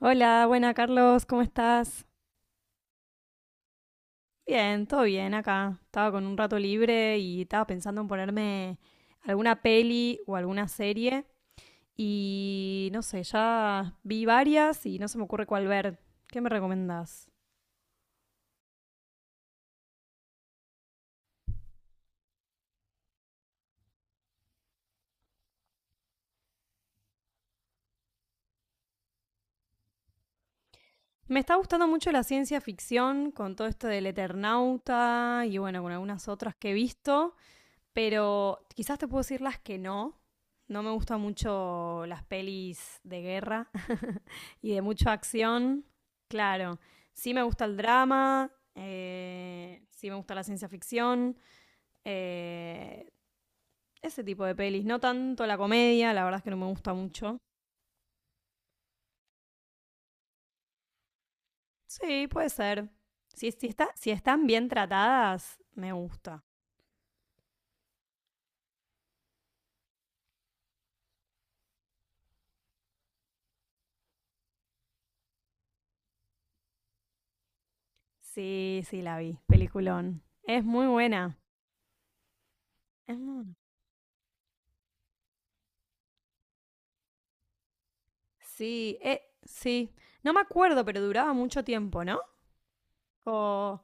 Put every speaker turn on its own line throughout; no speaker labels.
Hola, buena Carlos, ¿cómo estás? Bien, todo bien acá. Estaba con un rato libre y estaba pensando en ponerme alguna peli o alguna serie y no sé, ya vi varias y no se me ocurre cuál ver. ¿Qué me recomendás? Me está gustando mucho la ciencia ficción con todo esto del Eternauta y bueno, con algunas otras que he visto, pero quizás te puedo decir las que no. No me gustan mucho las pelis de guerra y de mucha acción, claro. Sí me gusta el drama, sí me gusta la ciencia ficción, eh, ese tipo de pelis. No tanto la comedia, la verdad es que no me gusta mucho. Sí, puede ser. Si, si, está, si están bien tratadas, me gusta. Sí, sí, la vi. Peliculón. Es muy buena. Es muy buena. Sí, sí. No me acuerdo, pero duraba mucho tiempo, ¿no? O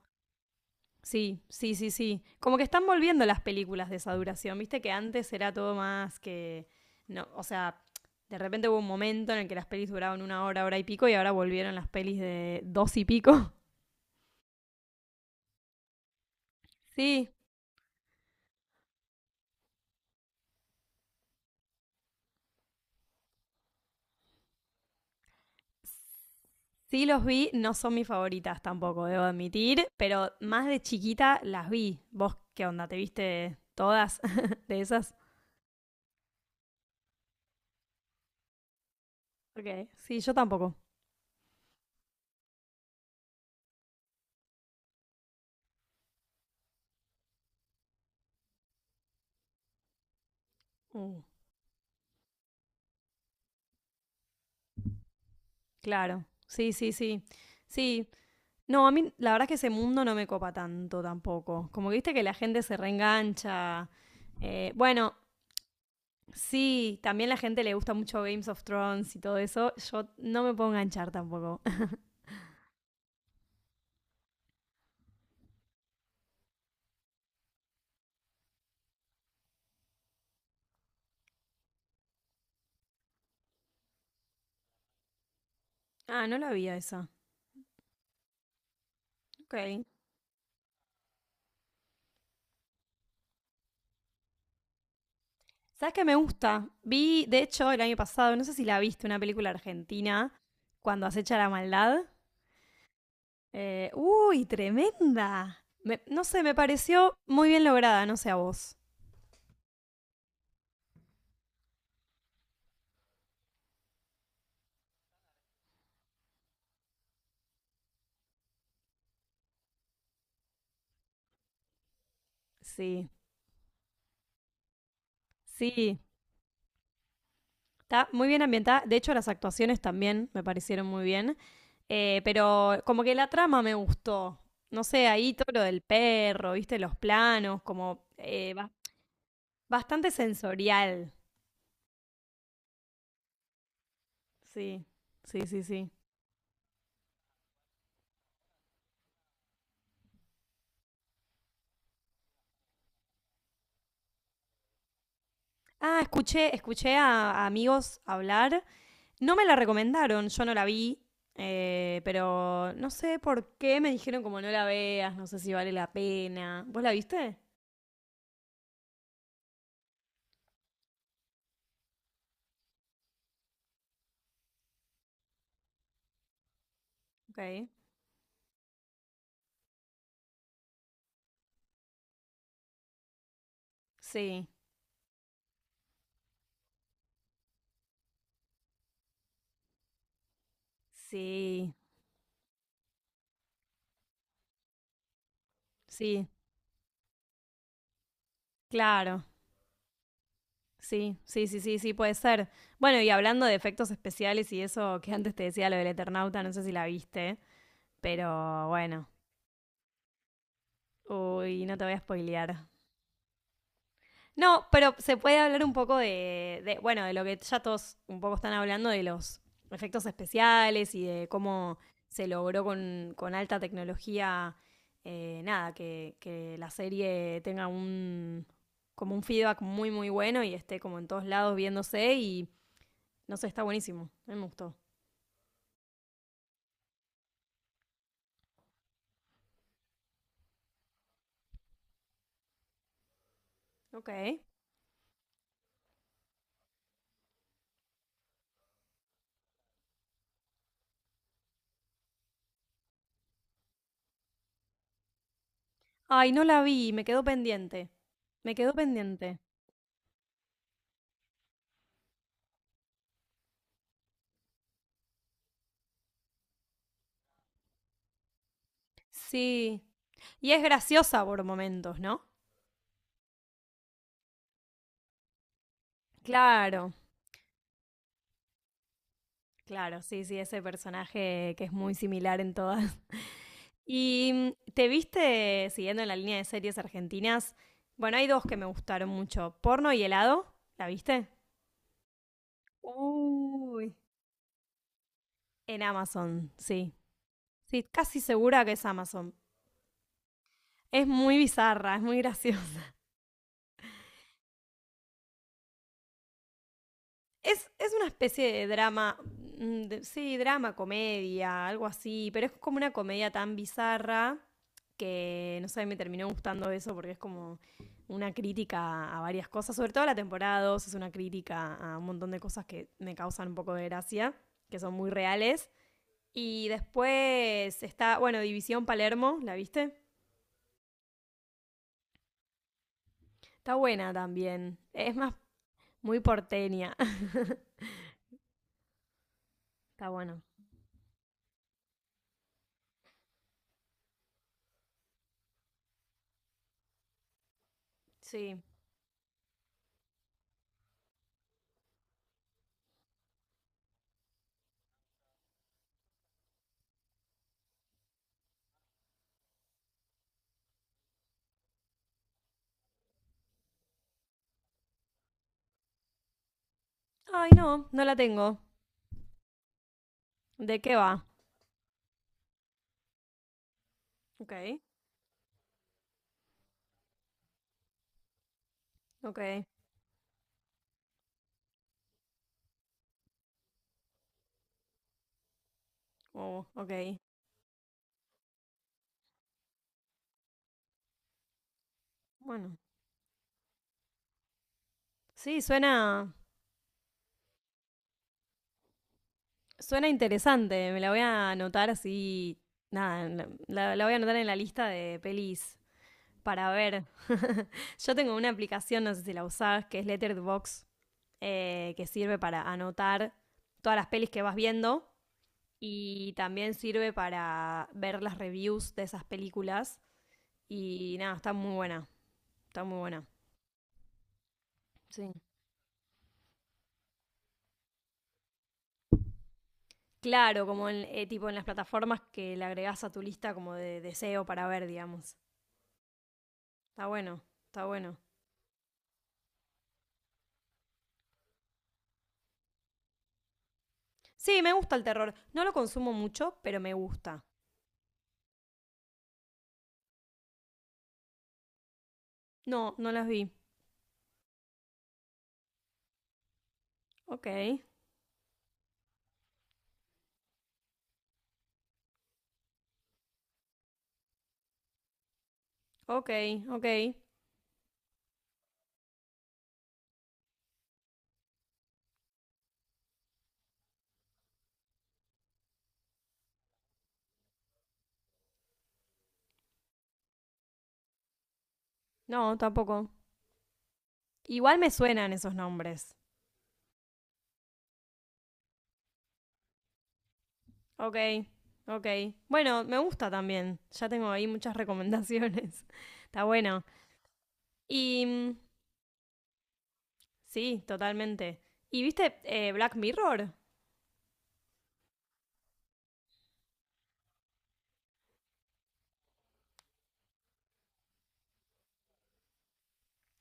sí, sí, sí, sí. Como que están volviendo las películas de esa duración, viste que antes era todo más que... No, o sea, de repente hubo un momento en el que las pelis duraban una hora, hora y pico y ahora volvieron las pelis de dos y pico. Sí, sí los vi, no son mis favoritas tampoco, debo admitir, pero más de chiquita las vi. ¿Vos qué onda? ¿Te viste todas de esas? Ok, sí, yo tampoco. Mm, claro, sí, sí, sí. Sí, no, a mí la verdad es que ese mundo no me copa tanto tampoco. Como que viste que la gente se reengancha. Bueno, sí, también la gente le gusta mucho Games of Thrones y todo eso. Yo no me puedo enganchar tampoco. Ah, no la vi a esa. Ok. ¿Sabes qué me gusta? Vi, de hecho, el año pasado, no sé si la viste, una película argentina, cuando acecha la maldad. Uy, tremenda. No sé, me pareció muy bien lograda, no sé a vos. Sí, sí. Está muy bien ambientada. De hecho, las actuaciones también me parecieron muy bien. Pero como que la trama me gustó. No sé, ahí todo lo del perro, viste, los planos, como bastante sensorial. Sí, sí, sí, sí. Ah, escuché, escuché a amigos hablar. No me la recomendaron, yo no la vi. Pero no sé por qué me dijeron como no la veas, no sé si vale la pena. ¿Vos la viste? Ok. Sí, sí, sí, claro. Sí, sí, sí, sí, sí, puede ser. Bueno, y hablando de efectos especiales y eso que antes te decía lo del Eternauta, no sé si la viste, pero bueno. Uy, no te voy a spoilear. No, pero se puede hablar un poco de, bueno, de lo que ya todos un poco están hablando, de los efectos especiales y de cómo se logró con alta tecnología, nada, que la serie tenga un, como un feedback muy, muy bueno y esté como en todos lados viéndose y no sé, está buenísimo. A mí me gustó. Ok. Ay, no la vi, me quedó pendiente. Me quedó pendiente. Sí. Y es graciosa por momentos, ¿no? Claro, claro, sí, sí, ese personaje que es muy similar en todas. ¿Y mm, te viste, siguiendo en la línea de series argentinas? Bueno, hay dos que me gustaron mucho. Porno y helado, ¿la viste? Uy. En Amazon, sí. Sí, casi segura que es Amazon. Es muy bizarra, es muy graciosa. Es una especie de drama, mm, sí, drama, comedia, algo así, pero es como una comedia tan bizarra que, no sé, me terminó gustando eso porque es como una crítica a varias cosas, sobre todo la temporada 2 es una crítica a un montón de cosas que me causan un poco de gracia, que son muy reales. Y después está, bueno, División Palermo, ¿la viste? Está buena también, es más, muy porteña. Está bueno. Sí. Ay, no, no la tengo. ¿De qué va? Ok, ok, oh, ok. Bueno, sí, suena, suena interesante. Me la voy a anotar así. Nada, la, la voy a anotar en la lista de pelis para ver. Yo tengo una aplicación, no sé si la usás, que es Letterboxd, que sirve para anotar todas las pelis que vas viendo y también sirve para ver las reviews de esas películas. Y nada, está muy buena, está muy buena. Sí. Claro, como en, tipo en las plataformas que le agregás a tu lista como de deseo para ver, digamos. Está bueno, está bueno. Sí, me gusta el terror. No lo consumo mucho, pero me gusta. No, no las vi. Ok, ok, ok. No, tampoco. Igual me suenan esos nombres. Ok, ok. Bueno, me gusta también. Ya tengo ahí muchas recomendaciones. Está bueno. Y mm, sí, totalmente. ¿Y viste Black Mirror?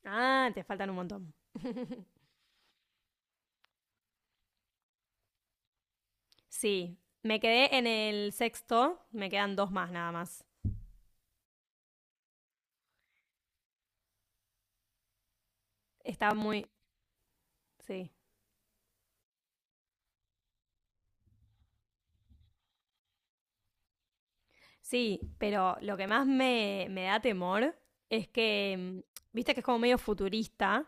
Ah, te faltan un montón. Sí, me quedé en el sexto, me quedan dos más nada más. Está muy... Sí, sí, pero lo que más me, me da temor es que, mm, viste que es como medio futurista,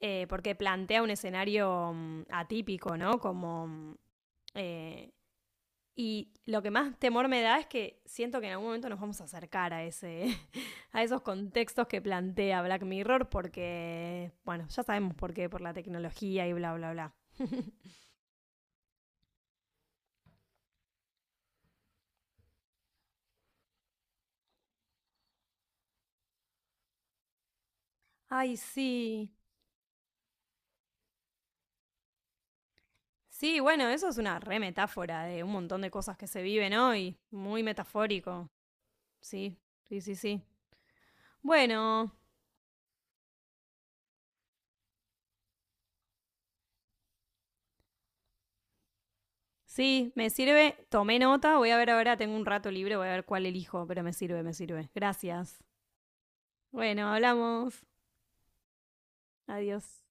porque plantea un escenario mm, atípico, ¿no? Como... mm, eh, y lo que más temor me da es que siento que en algún momento nos vamos a acercar a ese, a esos contextos que plantea Black Mirror, porque, bueno, ya sabemos por qué, por la tecnología y bla, bla, bla. Ay, sí, sí, bueno, eso es una re metáfora de un montón de cosas que se viven hoy. Muy metafórico. Sí, sí, sí, sí. Bueno, sí, me sirve. Tomé nota. Voy a ver ahora, tengo un rato libre, voy a ver cuál elijo, pero me sirve, me sirve. Gracias. Bueno, hablamos. Adiós.